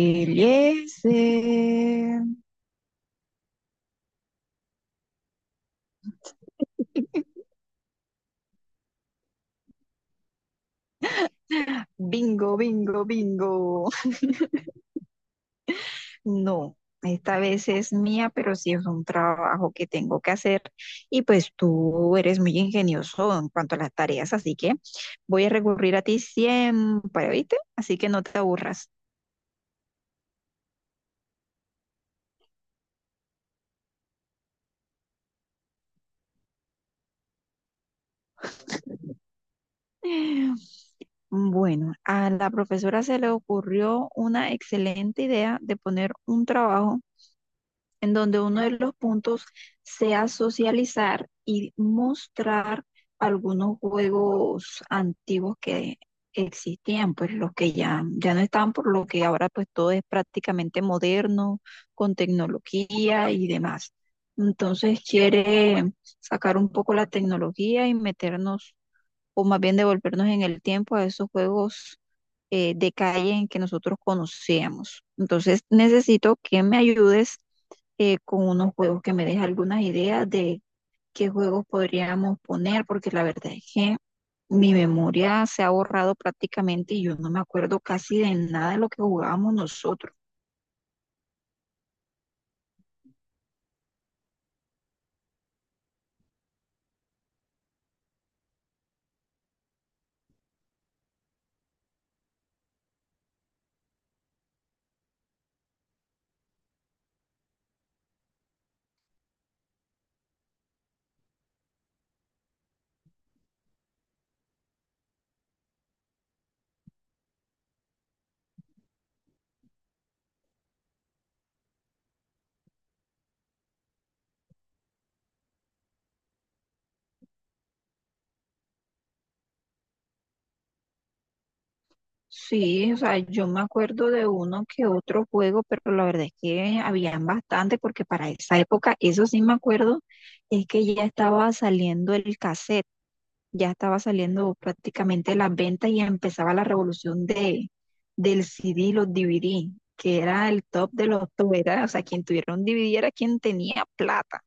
Eliezer. Bingo, bingo, bingo. No, esta vez es mía, pero sí es un trabajo que tengo que hacer. Y pues tú eres muy ingenioso en cuanto a las tareas, así que voy a recurrir a ti siempre, ¿viste? Así que no te aburras. Bueno, a la profesora se le ocurrió una excelente idea de poner un trabajo en donde uno de los puntos sea socializar y mostrar algunos juegos antiguos que existían, pues los que ya no están, por lo que ahora pues todo es prácticamente moderno, con tecnología y demás. Entonces quiere sacar un poco la tecnología y meternos o más bien devolvernos en el tiempo a esos juegos de calle en que nosotros conocíamos. Entonces necesito que me ayudes con unos juegos, que me des algunas ideas de qué juegos podríamos poner, porque la verdad es que mi memoria se ha borrado prácticamente y yo no me acuerdo casi de nada de lo que jugábamos nosotros. Sí, o sea, yo me acuerdo de uno que otro juego, pero la verdad es que habían bastante, porque para esa época, eso sí me acuerdo, es que ya estaba saliendo el cassette, ya estaba saliendo prácticamente las ventas y empezaba la revolución del CD y los DVD, que era el top de los top, era, o sea, quien tuviera un DVD era quien tenía plata.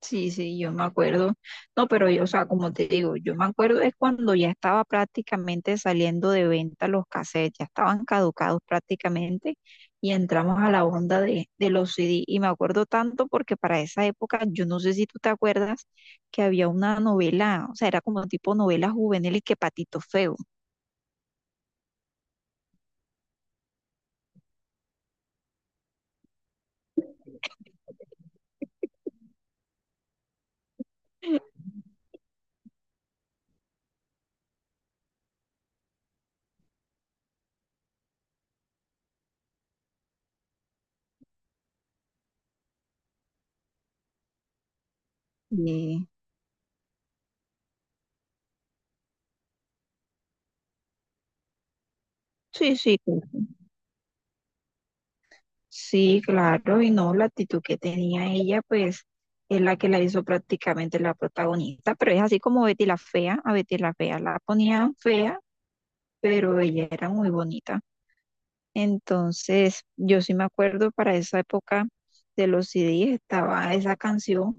Sí, sí, yo me acuerdo. No, pero yo, o sea, como te digo, yo me acuerdo es cuando ya estaba prácticamente saliendo de venta los cassettes, ya estaban caducados prácticamente y entramos a la onda de los CD. Y me acuerdo tanto porque para esa época, yo no sé si tú te acuerdas, que había una novela, o sea, era como tipo novela juvenil y que Patito Feo. Sí, sí, sí, sí, claro, y no, la actitud que tenía ella, pues es la que la hizo prácticamente la protagonista, pero es así como Betty la Fea, a Betty la Fea la ponían fea, pero ella era muy bonita. Entonces, yo sí me acuerdo para esa época de los CDs estaba esa canción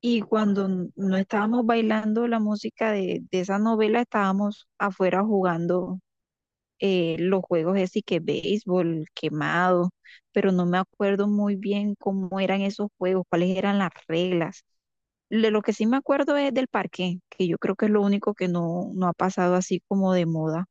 y cuando no estábamos bailando la música de esa novela, estábamos afuera jugando los juegos así que béisbol, quemado, pero no me acuerdo muy bien cómo eran esos juegos, cuáles eran las reglas. De lo que sí me acuerdo es del parque, que yo creo que es lo único que no ha pasado así como de moda.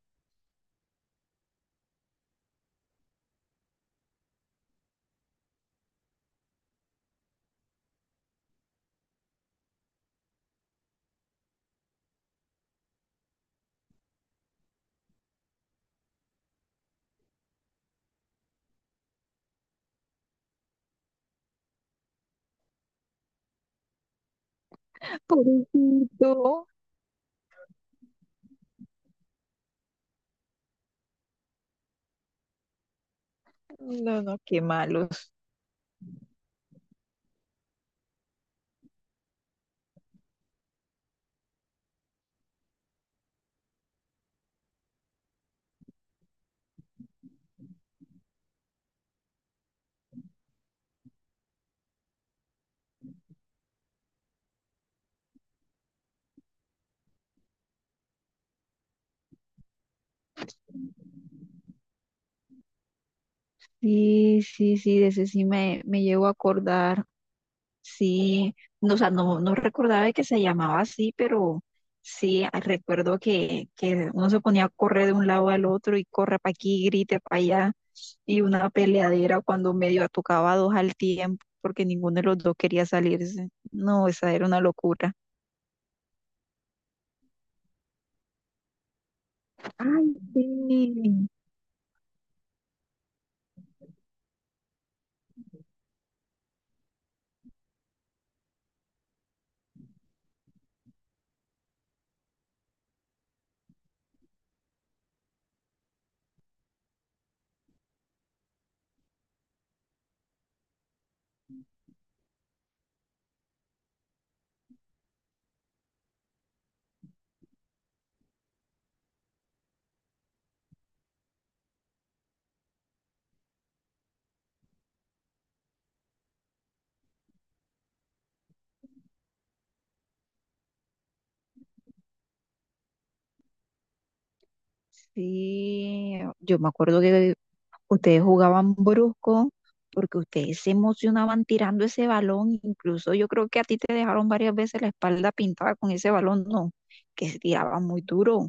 Pobrecito. No, no, qué malos. Sí, sí, sí, de ese sí me llevo a acordar. Sí, no, o sea, no, no recordaba de que se llamaba así, pero sí recuerdo que uno se ponía a correr de un lado al otro y corre para aquí, grite para allá, y una peleadera cuando medio tocaba dos al tiempo, porque ninguno de los dos quería salirse. No, esa era una locura. Ay, sí. Sí, yo me acuerdo que ustedes jugaban brusco porque ustedes se emocionaban tirando ese balón. Incluso yo creo que a ti te dejaron varias veces la espalda pintada con ese balón, no, que se tiraba muy duro.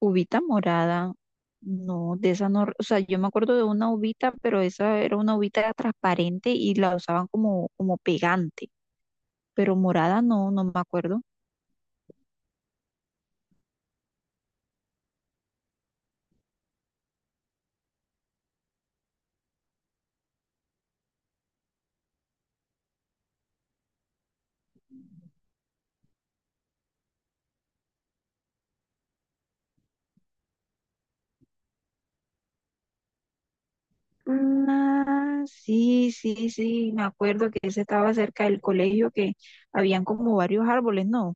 Ubita morada, no, de esa no, o sea, yo me acuerdo de una ubita, pero esa era una ubita transparente y la usaban como pegante, pero morada no, no me acuerdo. Ah, sí, sí, sí, me acuerdo que ese estaba cerca del colegio, que habían como varios árboles, ¿no?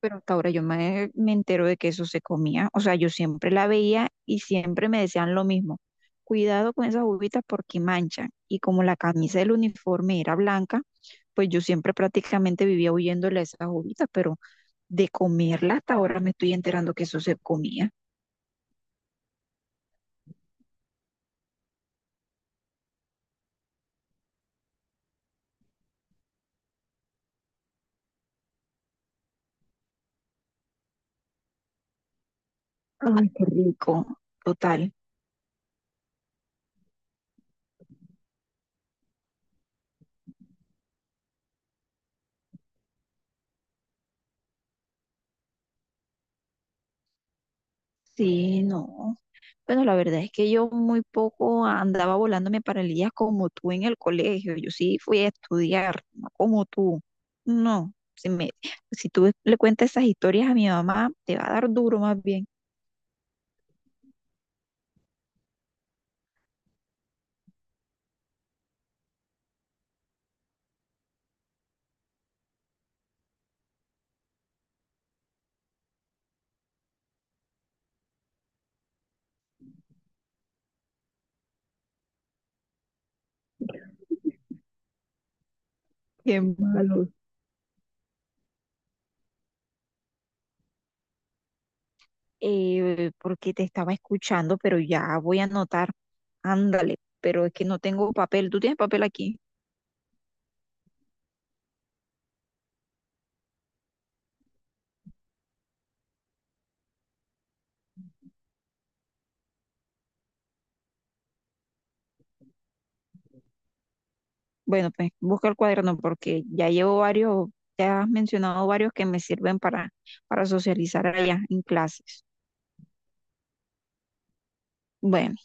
Pero hasta ahora yo me entero de que eso se comía. O sea, yo siempre la veía y siempre me decían lo mismo. Cuidado con esas uvitas porque manchan. Y como la camisa del uniforme era blanca, pues yo siempre prácticamente vivía huyéndole a esas uvitas, pero de comerla hasta ahora me estoy enterando que eso se comía. Ay, qué rico. Total. Sí, no. Bueno, la verdad es que yo muy poco andaba volándome paralillas como tú en el colegio. Yo sí fui a estudiar, no como tú. No, si me, si tú le cuentas esas historias a mi mamá, te va a dar duro más bien. Qué malo. Porque te estaba escuchando, pero ya voy a anotar. Ándale, pero es que no tengo papel. ¿Tú tienes papel aquí? Bueno, pues busca el cuaderno porque ya llevo varios, ya has mencionado varios que me sirven para socializar allá en clases. Bueno.